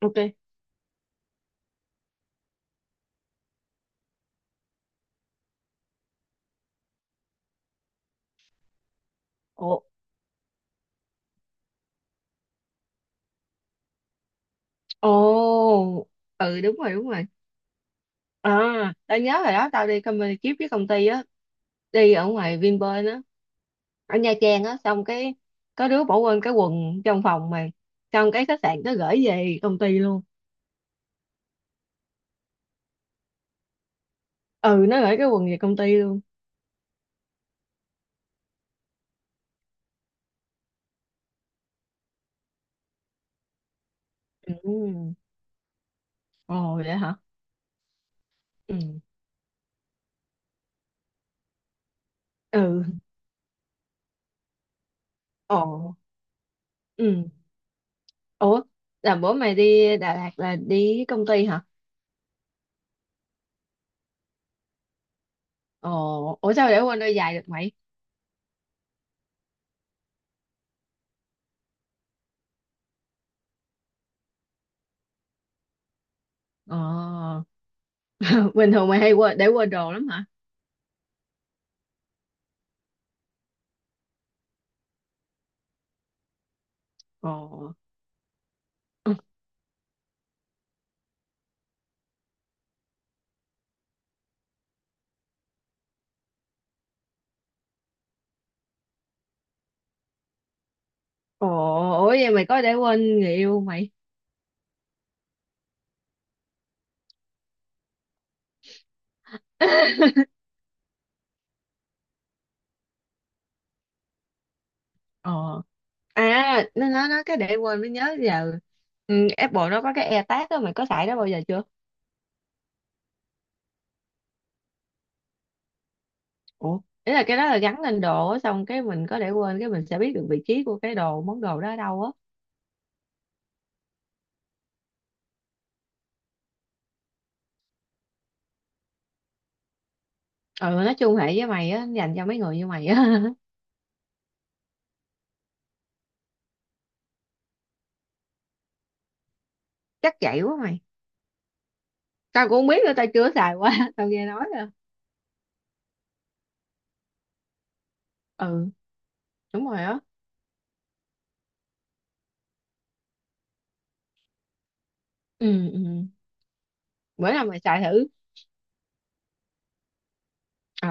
Ok. Ồ. Ồ. Ừ, đúng rồi, đúng rồi. À, tao nhớ rồi đó, tao đi company trip với công ty á, đi ở ngoài Vinpearl á, ở Nha Trang á, xong cái có đứa bỏ quên cái quần trong phòng mà, xong cái khách sạn nó gửi về công ty luôn. Ừ, nó gửi cái quần về công ty luôn. Ừ. Ồ vậy hả. Ừ. Ừ. Ồ. Ừ. Ủa, là bữa mày đi Đà Lạt là đi với công ty hả? Ồ. Ủa sao để quên đôi giày được mày? Ồ. Bình thường mày hay quên để quên đồ lắm hả? Ồ. Ồ. Ủa vậy mày có để quên người yêu mày? Ờ, à nó cái để quên mới nhớ giờ. Ừ, Apple nó có cái AirTag đó, mày có xài đó bao giờ chưa? Ủa, ý là cái đó là gắn lên đồ á, xong cái mình có để quên cái mình sẽ biết được vị trí của cái đồ món đồ đó ở đâu á. Ừ, nói chung hệ với mày á, dành cho mấy người như mày á. Chắc vậy quá mày, tao cũng không biết nữa, tao chưa xài qua. Tao nghe nói rồi. Ừ, đúng rồi á. Ừ. Ừ. Bữa nào mày xài thử. Ờ,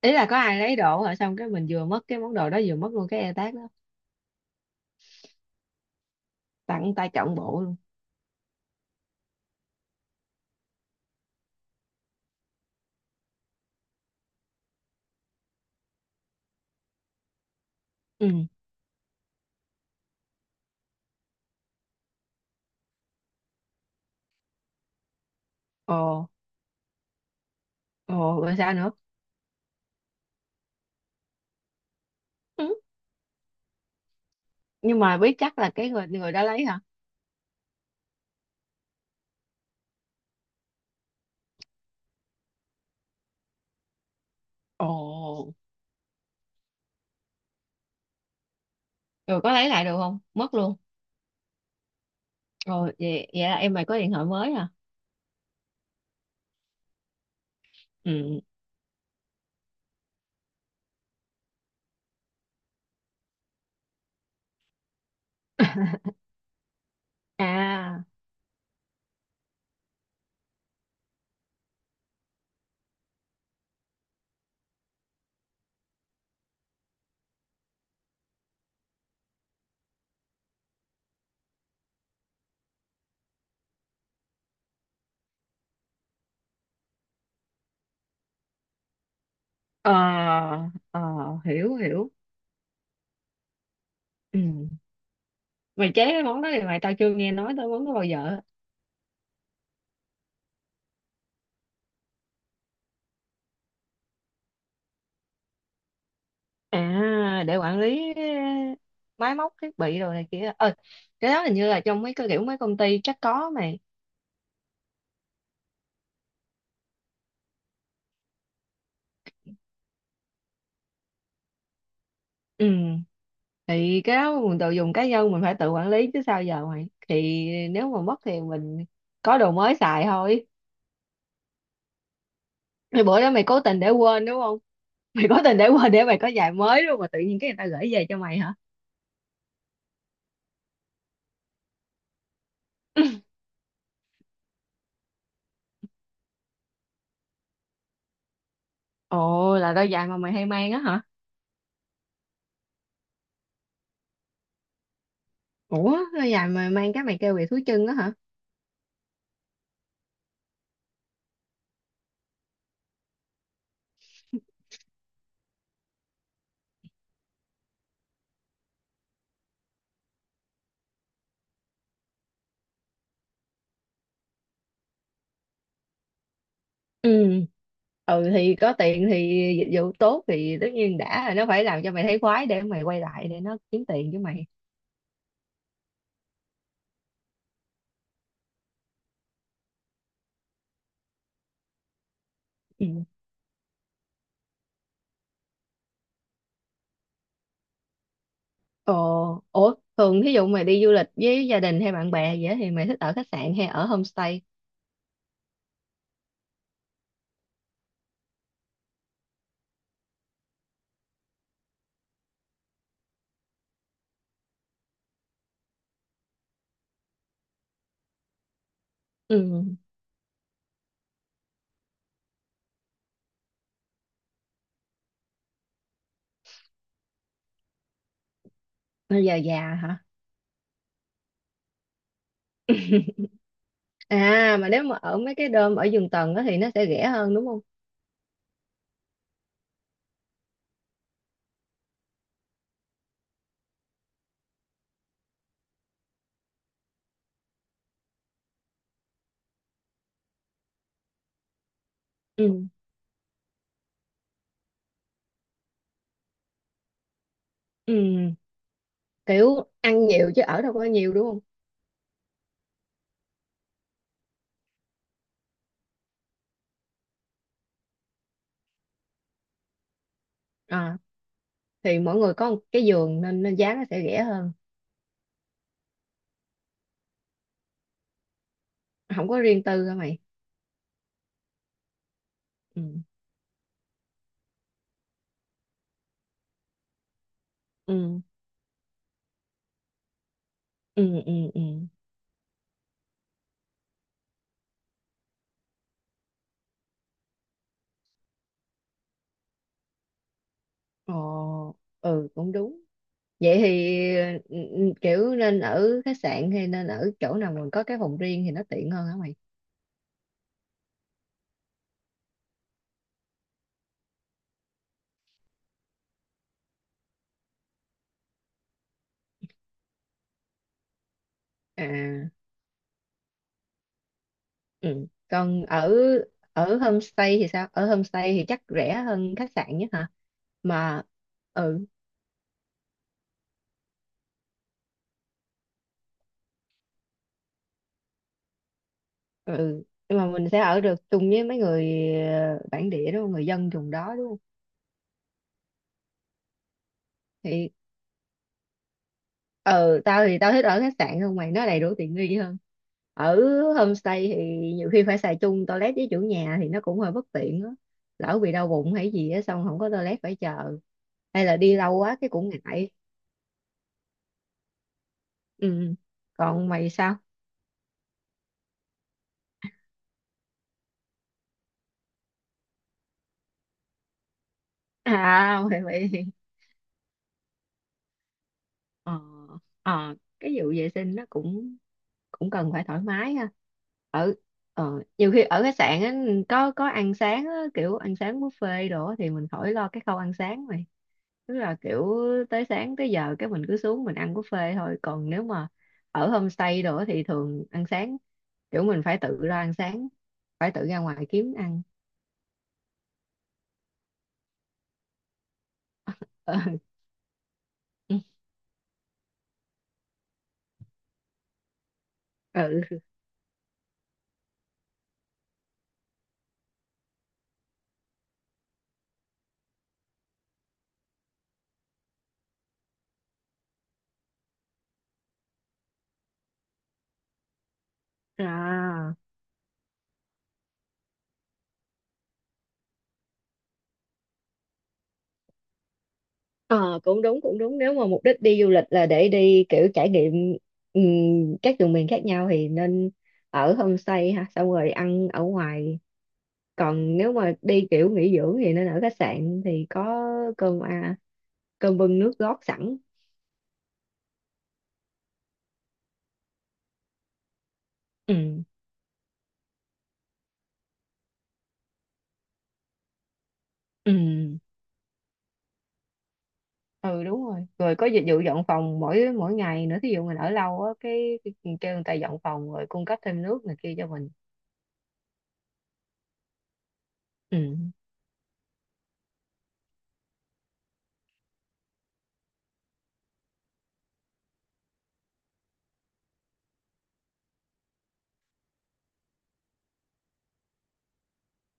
ý là có ai lấy đồ hả, xong cái mình vừa mất cái món đồ đó vừa mất luôn cái e tag đó, tặng tay trọn bộ luôn. Ừ. Ồ. Ồ rồi sao nữa. Ừ. Nhưng mà biết chắc là cái người người đã lấy hả? Ồ. Rồi có lấy lại được không, mất luôn? Rồi vậy vậy là em mày có điện thoại mới hả? Ừ. À. Ờ. Ờ, hiểu hiểu. Ừ. Mày chế cái món đó thì tao chưa nghe nói tới món đó bao giờ. À, để quản lý máy móc thiết bị rồi này kia. Ờ cái đó hình như là trong mấy cái kiểu mấy công ty chắc có mà. Ừ. Thì cái đó mình tự dùng cá nhân mình phải tự quản lý chứ sao giờ mày, thì nếu mà mất thì mình có đồ mới xài thôi. Thì bữa đó mày cố tình để quên đúng không? Mày cố tình để quên để mày có giày mới đúng không, mà tự nhiên cái người ta gửi về cho mày hả? Ồ, là đôi giày mà mày hay mang á hả? Ủa, đôi giày mà mang cái mày kêu về thú chân á hả? Ừ, thì có tiền thì dịch vụ tốt thì tất nhiên đã là nó phải làm cho mày thấy khoái để mày quay lại để nó kiếm tiền với mày. Ừ. Ồ, ủa, thường thí dụ mày đi du lịch với gia đình hay bạn bè vậy á, thì mày thích ở khách sạn hay ở homestay? Ừ. Bây giờ già hả? À, mà nếu mà ở mấy cái đom ở giường tầng á thì nó sẽ rẻ hơn đúng không? Ừ. Ừ, kiểu ăn nhiều chứ ở đâu có nhiều đúng không? À, thì mỗi người có một cái giường nên giá nó sẽ rẻ hơn. Không có riêng tư hả mày? Ừ. Ừ. Ừ. Ừ. Ừ. Ồ. Ừ, cũng đúng. Vậy thì ừ, ừ, kiểu nên ở khách sạn hay nên ở chỗ nào mình có cái phòng riêng thì nó tiện hơn hả mày? À. Ừ. Còn ở ở homestay thì sao? Ở homestay thì chắc rẻ hơn khách sạn nhất hả mà. Ừ. Ừ, nhưng mà mình sẽ ở được chung với mấy người bản địa đúng không, người dân vùng đó đúng không? Thì ờ tao thì tao thích ở khách sạn hơn mày, nó đầy đủ tiện nghi hơn. Ở homestay thì nhiều khi phải xài chung toilet với chủ nhà thì nó cũng hơi bất tiện á, lỡ bị đau bụng hay gì á xong không có toilet phải chờ, hay là đi lâu quá cái cũng ngại. Ừ, còn mày sao? À, mày mày Ờ. Ờ, cái vụ vệ sinh nó cũng cũng cần phải thoải mái ha. ở Nhiều khi ở khách sạn á, có ăn sáng á, kiểu ăn sáng buffet đồ á, thì mình khỏi lo cái khâu ăn sáng mày. Tức là kiểu tới sáng tới giờ cái mình cứ xuống mình ăn buffet thôi. Còn nếu mà ở homestay đồ á thì thường ăn sáng kiểu mình phải tự ra ăn sáng, phải tự ra ngoài kiếm ăn. Ừ. Ừ. Rồi. Ờ, cũng đúng, cũng đúng, nếu mà mục đích đi du lịch là để đi kiểu trải nghiệm các vùng miền khác nhau thì nên ở homestay ha, xong rồi ăn ở ngoài. Còn nếu mà đi kiểu nghỉ dưỡng thì nên ở khách sạn thì có cơm à, cơm bưng nước gót sẵn. Ừ. Ừ. Ừ đúng rồi, rồi có dịch vụ dọn phòng mỗi mỗi ngày nữa, thí dụ mình ở lâu á cái kêu người ta dọn phòng rồi cung cấp thêm nước này kia cho mình. Ừ.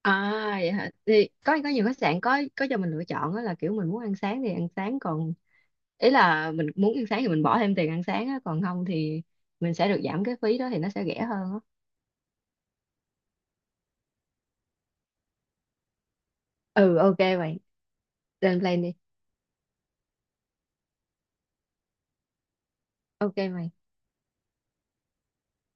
À vậy hả? Thì có nhiều khách sạn có cho mình lựa chọn đó là kiểu mình muốn ăn sáng thì ăn sáng, còn ý là mình muốn ăn sáng thì mình bỏ thêm tiền ăn sáng á, còn không thì mình sẽ được giảm cái phí đó thì nó sẽ rẻ hơn á. Ừ, ok mày, lên plan đi. Ok mày.